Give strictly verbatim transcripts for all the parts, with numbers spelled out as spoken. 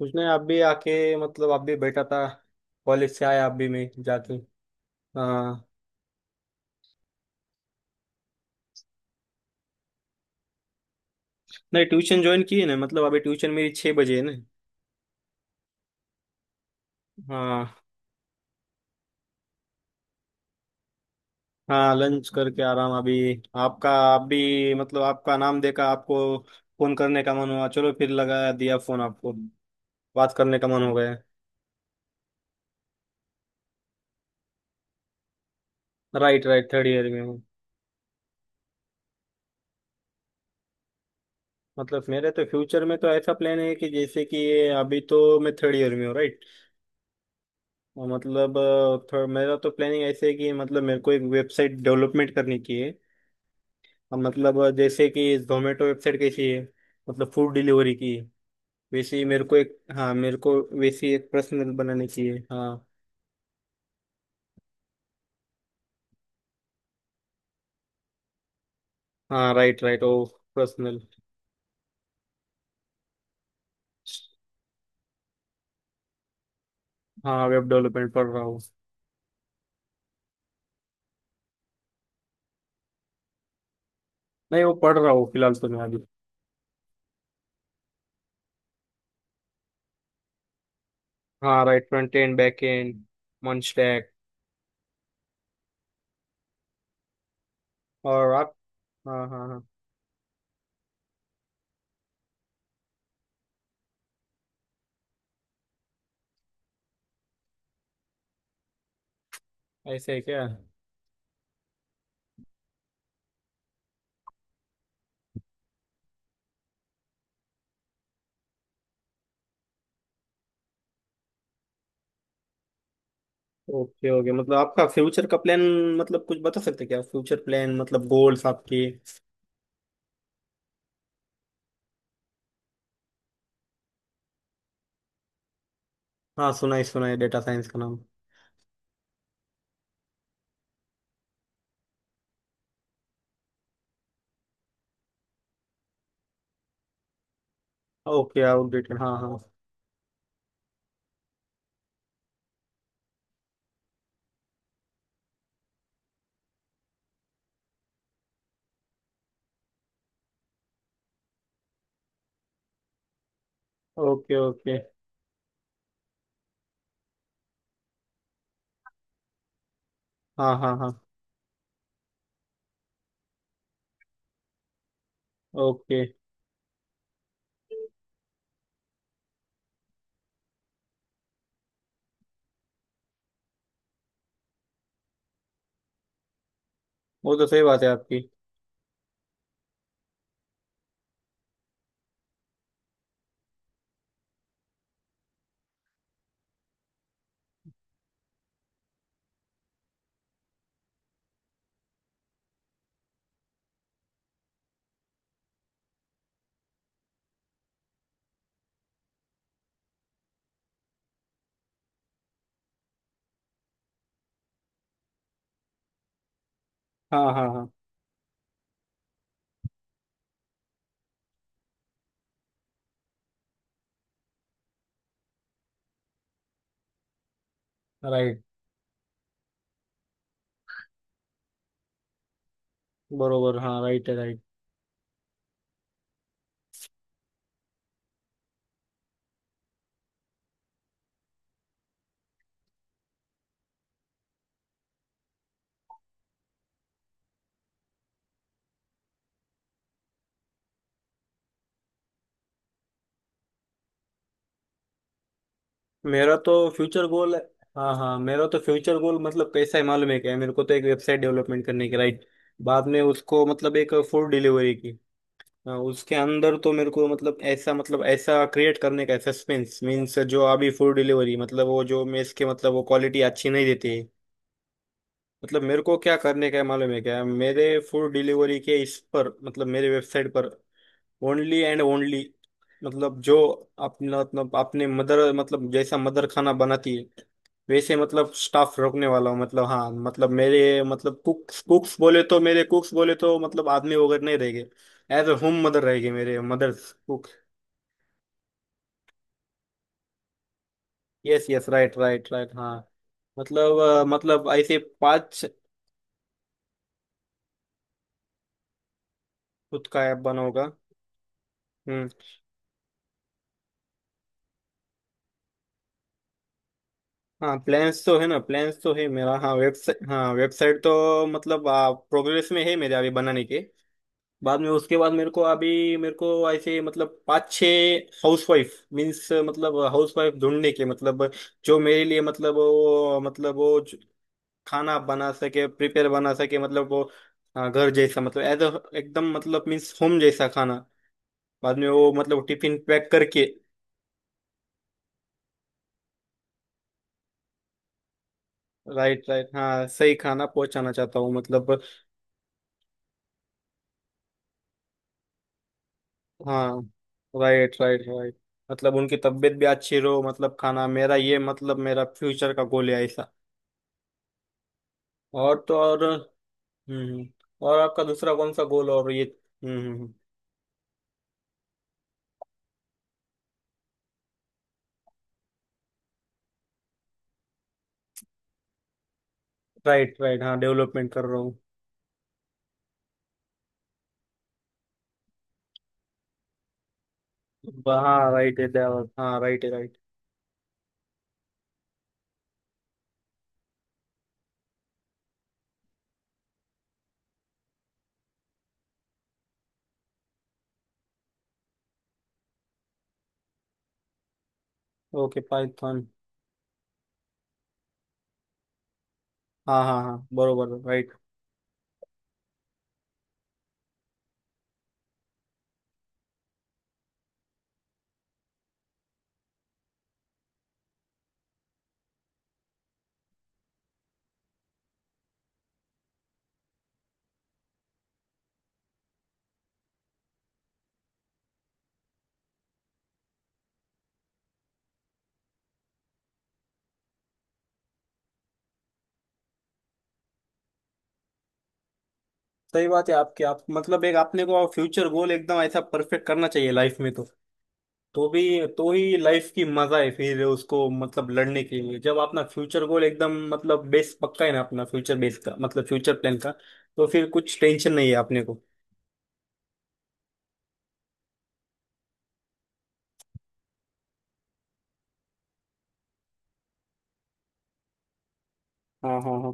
उसने आप भी आके मतलब आप भी बैठा था। कॉलेज से आया आप भी मैं जाके। हाँ। नहीं ट्यूशन ज्वाइन की है ना, मतलब अभी ट्यूशन मेरी छः बजे है ना। हाँ। हाँ लंच करके आराम अभी। आपका आप भी मतलब आपका नाम देखा आपको फोन करने का मन हुआ, चलो फिर लगा दिया फोन आपको, बात करने का मन हो गया। राइट राइट, थर्ड ईयर में हूँ। मतलब मेरे तो फ्यूचर में तो ऐसा प्लान है कि जैसे कि अभी तो मैं थर्ड ईयर में हूँ राइट। मतलब अ, थोड़ा मेरा तो प्लानिंग ऐसे है कि मतलब मेरे को एक वेबसाइट डेवलपमेंट करनी की है। और मतलब अ, जैसे कि जोमेटो वेबसाइट कैसी है, मतलब फूड डिलीवरी की। वैसे ही मेरे को एक, हाँ मेरे को वैसी एक पर्सनल बनानी की है। हाँ। हाँ राइट राइट ओ पर्सनल। हाँ वेब डेवलपमेंट पढ़ रहा हूँ। नहीं वो पढ़ रहा हूँ फिलहाल तो मैं अभी। हाँ right front end back end मंच। और आप? हाँ हाँ हाँ। ऐसे है क्या? ओके ओके, मतलब आपका फ्यूचर का प्लान मतलब कुछ बता सकते हैं क्या फ्यूचर प्लान मतलब गोल्स आपके? हाँ सुना है सुना है डेटा साइंस का नाम। ओके आउटडेटेड हाँ हाँ। Okay okay. हाँ हाँ हाँ। ओके। वो तो सही बात है आपकी। हाँ हाँ हाँ। राइट। बरोबर हाँ राइट है राइट। मेरा तो फ्यूचर गोल। हाँ हाँ मेरा तो फ्यूचर गोल मतलब कैसा है मालूम है क्या, मेरे को तो एक वेबसाइट डेवलपमेंट करने की राइट। बाद में उसको मतलब एक फूड डिलीवरी की। हाँ, उसके अंदर तो मेरे को मतलब ऐसा मतलब ऐसा क्रिएट करने का सस्पेंस मीन्स जो अभी फूड डिलीवरी मतलब वो जो मेस के मतलब वो क्वालिटी अच्छी नहीं देती। मतलब मेरे को क्या करने का है मालूम है क्या मेरे? फूड डिलीवरी के इस पर मतलब मेरे वेबसाइट पर ओनली एंड ओनली मतलब जो अपना मतलब अपने मदर मतलब जैसा मदर खाना बनाती है वैसे मतलब स्टाफ रोकने वाला हूँ, मतलब हाँ मतलब मेरे मतलब कुक्स कुक्स बोले तो मेरे कुक्स बोले तो मतलब आदमी वगैरह नहीं रहेंगे। एज अ होम मदर रहेगी मेरे mothers cook. Yes yes right right right हाँ। मतलब अ, मतलब ऐसे पांच। खुद का ऐप बनाऊंगा। हम्म। हाँ प्लान्स तो है ना, प्लान्स तो है मेरा। हाँ वेबसाइट, हाँ वेबसाइट तो मतलब प्रोग्रेस में है मेरे अभी बनाने के। बाद में उसके बाद मेरे को अभी मेरे को ऐसे मतलब पाँच छः हाउसवाइफ मीन्स मतलब हाउसवाइफ ढूंढने के मतलब जो मेरे लिए मतलब वो मतलब वो जो खाना बना सके, प्रिपेयर बना सके मतलब वो अ, घर जैसा मतलब एज एकदम मतलब मीन्स होम जैसा खाना। बाद में वो मतलब टिफिन पैक करके। राइट राइट हाँ सही खाना पहुंचाना चाहता हूँ मतलब। हाँ। Right right right. मतलब उनकी तबीयत भी अच्छी रहो मतलब खाना मेरा ये मतलब मेरा फ्यूचर का गोल है ऐसा। और तो और। हम्म हम्म। और आपका दूसरा कौन सा गोल और ये? हम्म हम्म, हम्म। राइट राइट हाँ डेवलपमेंट कर रहा हूँ। हाँ राइट है, डेवलप हाँ राइट है राइट। Okay Python. हाँ हाँ हाँ बरोबर राइट। सही बात है आपकी, आप मतलब एक आपने को फ्यूचर गोल एकदम ऐसा परफेक्ट करना चाहिए लाइफ में तो। तो भी तो ही लाइफ की मजा है फिर उसको मतलब लड़ने के लिए जब अपना फ्यूचर गोल एकदम मतलब बेस पक्का है ना अपना फ्यूचर बेस का मतलब फ्यूचर प्लान का। तो फिर कुछ टेंशन नहीं है अपने को। हाँ हाँ हाँ।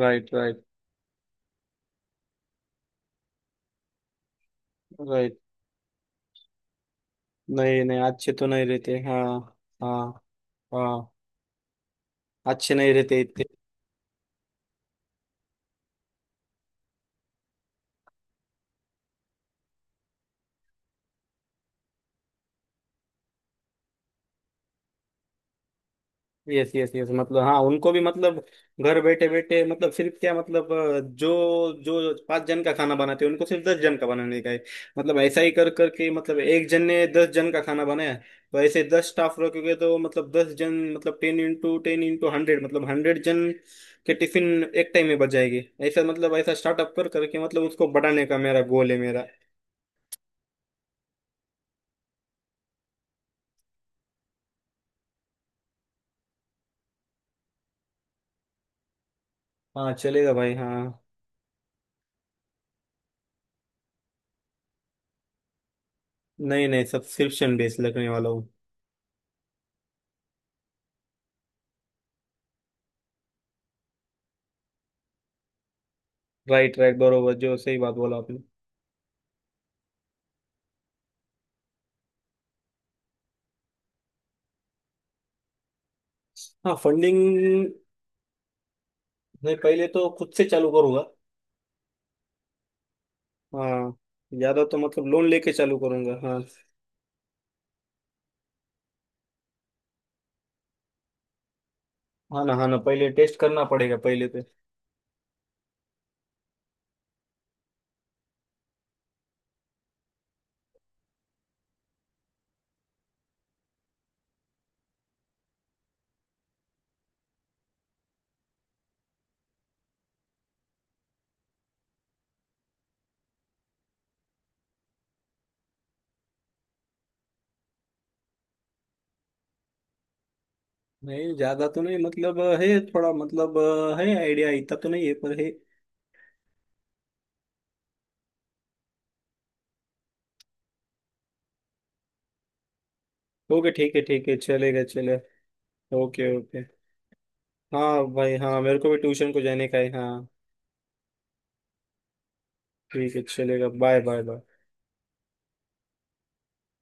Right right right. नहीं नहीं अच्छे तो नहीं रहते हाँ। हाँ। हाँ अच्छे नहीं रहते इतने। यस यस यस, मतलब हाँ उनको भी मतलब घर बैठे बैठे मतलब सिर्फ क्या मतलब अ, जो जो पांच जन का खाना बनाते हैं उनको सिर्फ दस जन का बनाने का है। मतलब ऐसा ही कर करके मतलब एक जन ने दस जन का खाना बनाया, तो ऐसे दस स्टाफ रखोगे तो मतलब दस जन मतलब ten into ten into hundred मतलब हंड्रेड जन के टिफिन एक टाइम में बच जाएगी। ऐसा मतलब ऐसा स्टार्टअप कर करके मतलब उसको बढ़ाने का मेरा गोल है मेरा। हाँ चलेगा भाई हाँ। नहीं नहीं सब्सक्रिप्शन बेस लगने वाला हूँ। राइट राइट बरोबर, जो सही बात बोला आपने। हाँ फंडिंग। मैं पहले तो खुद से चालू करूंगा। हाँ। ज्यादा तो मतलब लोन लेके चालू करूंगा हाँ। हाँ ना हाँ ना, पहले टेस्ट करना पड़ेगा पहले पे। नहीं ज्यादा तो नहीं मतलब है थोड़ा मतलब है आइडिया, इतना तो नहीं है पर है। ओके ठीक है ठीक है चलेगा चलेगा। Okay okay. हाँ भाई हाँ मेरे को भी ट्यूशन को जाने का है हाँ। ठीक है चलेगा बाय बाय बाय।